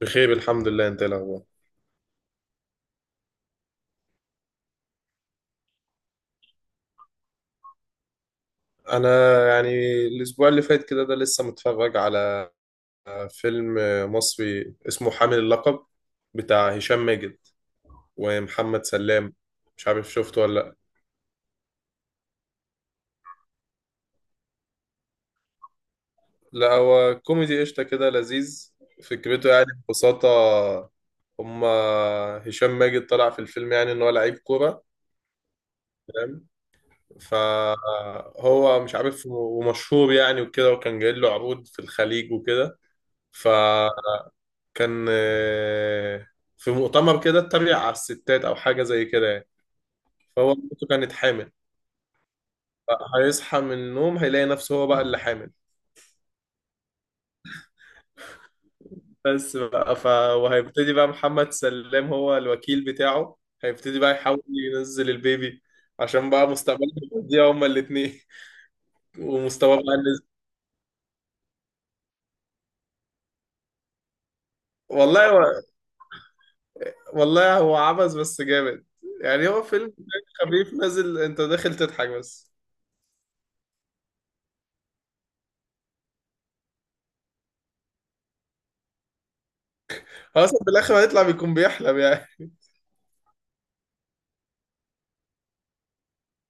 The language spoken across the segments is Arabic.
بخير الحمد لله. انت ايه الاخبار؟ انا يعني الاسبوع اللي فات كده ده لسه متفرج على فيلم مصري اسمه حامل اللقب، بتاع هشام ماجد ومحمد سلام. مش عارف شفته ولا لا. لا هو كوميدي قشطه كده، لذيذ. فكرته يعني ببساطه، هما هشام ماجد طلع في الفيلم يعني ان هو لعيب كوره، تمام. فهو مش عارف ومشهور يعني وكده، وكان جاي له عروض في الخليج وكده. ف كان في مؤتمر كده اتريق على الستات او حاجه زي كده يعني. فهو مراته كانت حامل. هيصحى من النوم هيلاقي نفسه هو بقى اللي حامل. بس بقى ف... وهيبتدي بقى محمد سلام، هو الوكيل بتاعه، هيبتدي بقى يحاول ينزل البيبي عشان بقى مستقبلهم يضيع هما الاتنين. ومستواه بقى نزل. والله هو- والله هو عبث بس جامد. يعني هو فيلم خفيف نازل، انت داخل تضحك بس. هو اصلا في الاخر هيطلع بيكون بيحلم يعني.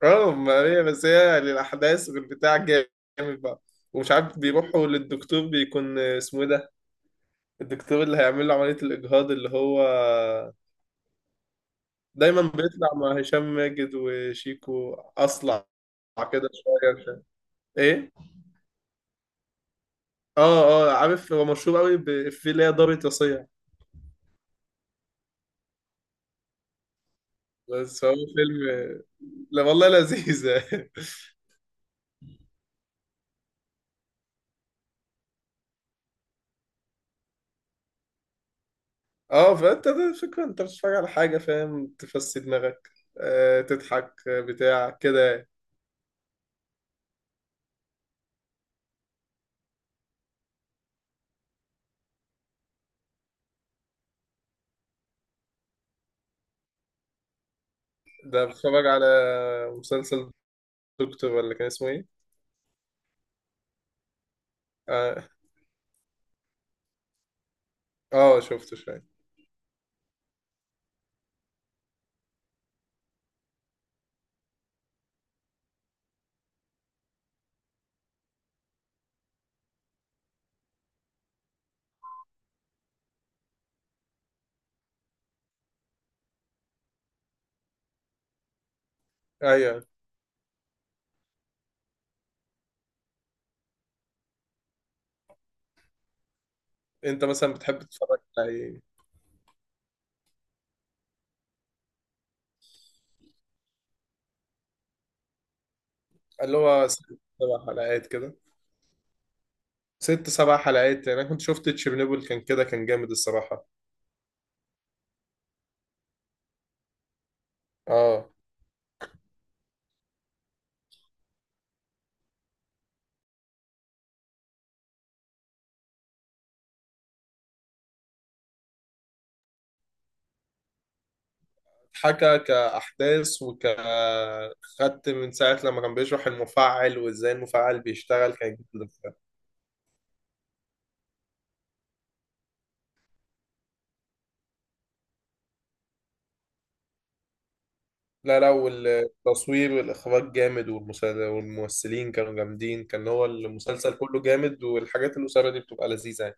اه ما هي بس هي للأحداث والبتاع جامد بقى. ومش عارف بيروحوا للدكتور، بيكون اسمه ايه ده، الدكتور اللي هيعمل له عملية الإجهاض، اللي هو دايما بيطلع مع هشام ماجد وشيكو، أصلع كده شوية، مش عارف. ايه اه عارف. هو مشهور قوي بإفيه اللي هي دار رصيع. بس هو فيلم، لا والله لذيذة. اه، فانت ده الفكرة، انت بتتفرج على حاجة فاهم تفسي دماغك، آه تضحك، بتاع كده يعني. ده بتفرج على مسلسل دكتور ولا كان اسمه ايه؟ اه. آه شفته شوية. ايوه. انت مثلا بتحب تتفرج على ايه؟ اللي هو ست سبع حلقات كده. ست سبع حلقات، يعني انا كنت شفت تشيرنوبل، كان كده كان جامد الصراحة. اه حكى كأحداث خدت من ساعة لما كان بيشرح المفاعل وازاي المفاعل بيشتغل، كان جامد. لا لا، والتصوير والإخراج جامد، والممثلين كانوا جامدين، كان هو المسلسل كله جامد. والحاجات القصيرة دي بتبقى لذيذة يعني.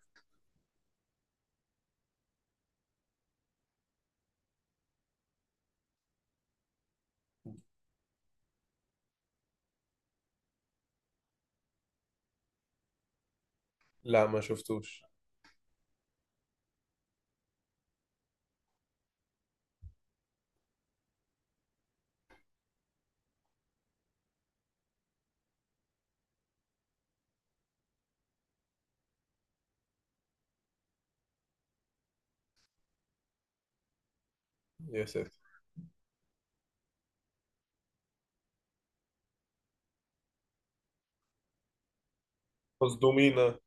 لا ما شفتوش. يا ساتر. مصدومينا اه.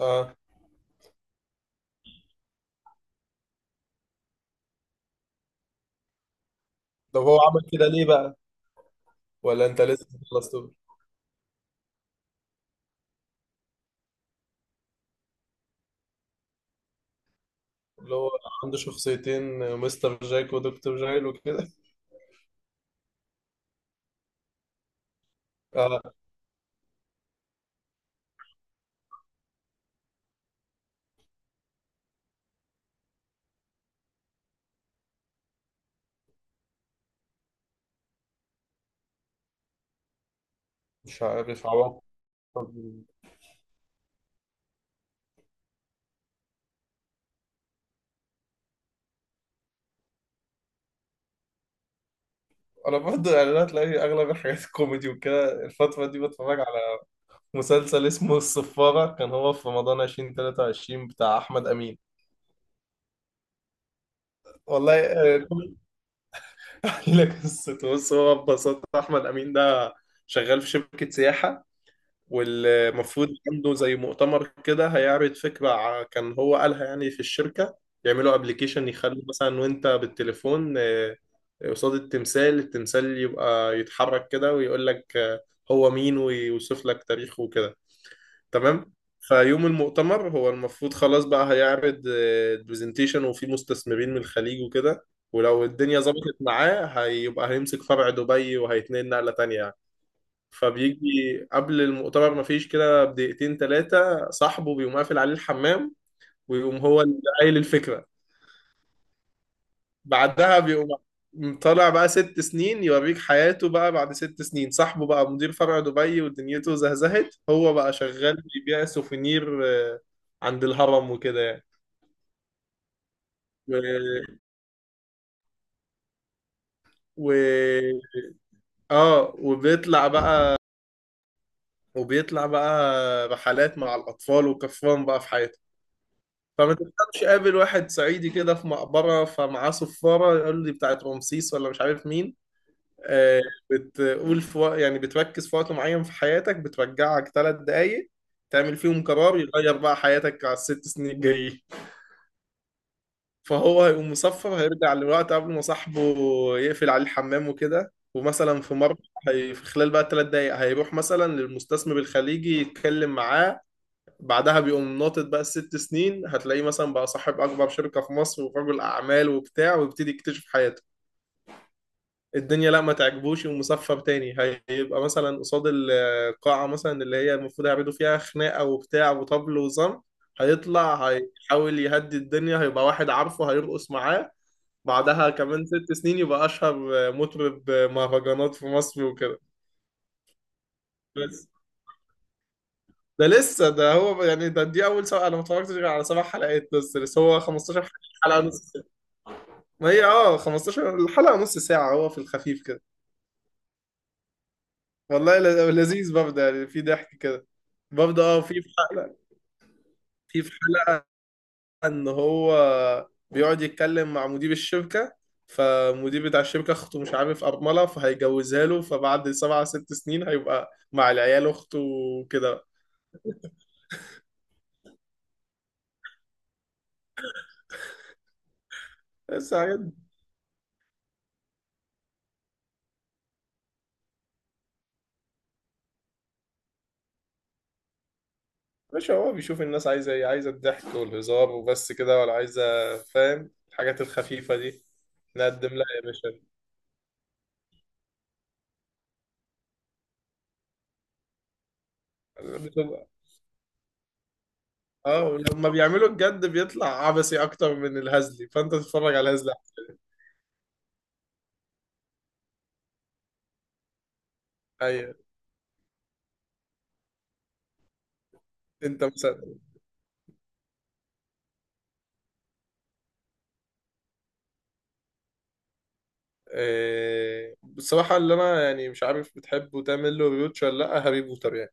آه. طب هو عمل كده ليه بقى؟ ولا انت لسه خلصته؟ اللي هو عنده شخصيتين، مستر جاك ودكتور جايل وكده. اه مش عارف عوض. انا برضه يعني انا تلاقي اغلب الحاجات الكوميدي وكده الفترة دي بتفرج على مسلسل اسمه الصفارة، كان هو في رمضان 2023 بتاع أحمد أمين. والله اقول لك قصته. بص، هو ببساطه احمد امين ده شغال في شركه سياحه، والمفروض عنده زي مؤتمر كده هيعرض فكره. كان هو قالها يعني في الشركه، يعملوا ابلكيشن يخلوا مثلا وانت بالتليفون قصاد التمثال يبقى يتحرك كده ويقول لك هو مين، ويوصف لك تاريخه وكده، تمام. فيوم المؤتمر هو المفروض خلاص بقى هيعرض برزنتيشن، وفي مستثمرين من الخليج وكده، ولو الدنيا ظبطت معاه هيبقى هيمسك فرع دبي وهيتنقل نقلة تانية يعني. فبيجي قبل المؤتمر مفيش كده بدقيقتين تلاتة، صاحبه بيقوم قافل عليه الحمام ويقوم هو اللي قايل الفكرة. بعدها بيقوم طالع بقى ست سنين يوريك حياته بقى، بعد ست سنين صاحبه بقى مدير فرع دبي ودنيته زهزهت، هو بقى شغال بيبيع سوفينير آه، عند الهرم وكده يعني. و... و... اه وبيطلع بقى، وبيطلع بقى رحلات مع الأطفال وكفران بقى في حياته، فما تفهمش. قابل واحد صعيدي كده في مقبرة فمعاه صفارة يقول لي بتاعت رمسيس ولا مش عارف مين. آه، بتقول يعني بتركز في وقت معين في حياتك، بترجعك ثلاث دقايق تعمل فيهم قرار يغير بقى حياتك على الست سنين الجايين. فهو هيقوم مصفر هيرجع للوقت قبل ما صاحبه يقفل عليه الحمام وكده. ومثلا في مرة في خلال بقى الثلاث دقايق هيروح مثلا للمستثمر الخليجي يتكلم معاه، بعدها بيقوم ناطط بقى الست سنين، هتلاقيه مثلا بقى صاحب أكبر شركة في مصر ورجل أعمال وبتاع، ويبتدي يكتشف حياته. الدنيا لا ما تعجبوش ومصفى تاني. هيبقى مثلا قصاد القاعة مثلا اللي هي المفروض هيعملوا فيها خناقة وبتاع وطبل وزم، هيطلع هيحاول يهدي الدنيا، هيبقى واحد عارفه هيرقص معاه. بعدها كمان ست سنين يبقى أشهر مطرب مهرجانات في مصر وكده. بس ده لسه. ده هو يعني، دي أول سبعة، أنا ما اتفرجتش غير على سبع حلقات بس هو 15 حلقة نص ساعة. ما هي اه 15 الحلقة نص ساعة، هو في الخفيف كده. والله لذيذ برضه يعني، في ضحك كده برضه. اه في حلقة ان هو بيقعد يتكلم مع مدير الشركة، فمدير بتاع الشركة اخته مش عارف ارملة فهيجوزها له، فبعد سبع ست سنين هيبقى مع العيال اخته وكده. بس حاجات. مش هو بيشوف الناس عايزة ايه؟ عايزة الضحك والهزار وبس كده؟ ولا عايزة، فاهم، الحاجات الخفيفة دي نقدم لها يا باشا. بتبقى- اه ولما بيعملوا الجد بيطلع عبثي اكتر من الهزلي، فانت تتفرج على الهزل. ايوه. انت مثلا بصراحه اللي انا يعني مش عارف بتحبه تعمل له ريوتش ولا لا، هاري بوتر يعني.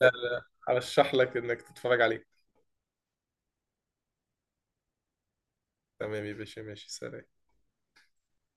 لا لا، هرشح لك انك تتفرج عليه. تمام يا باشا، ماشي، سلام.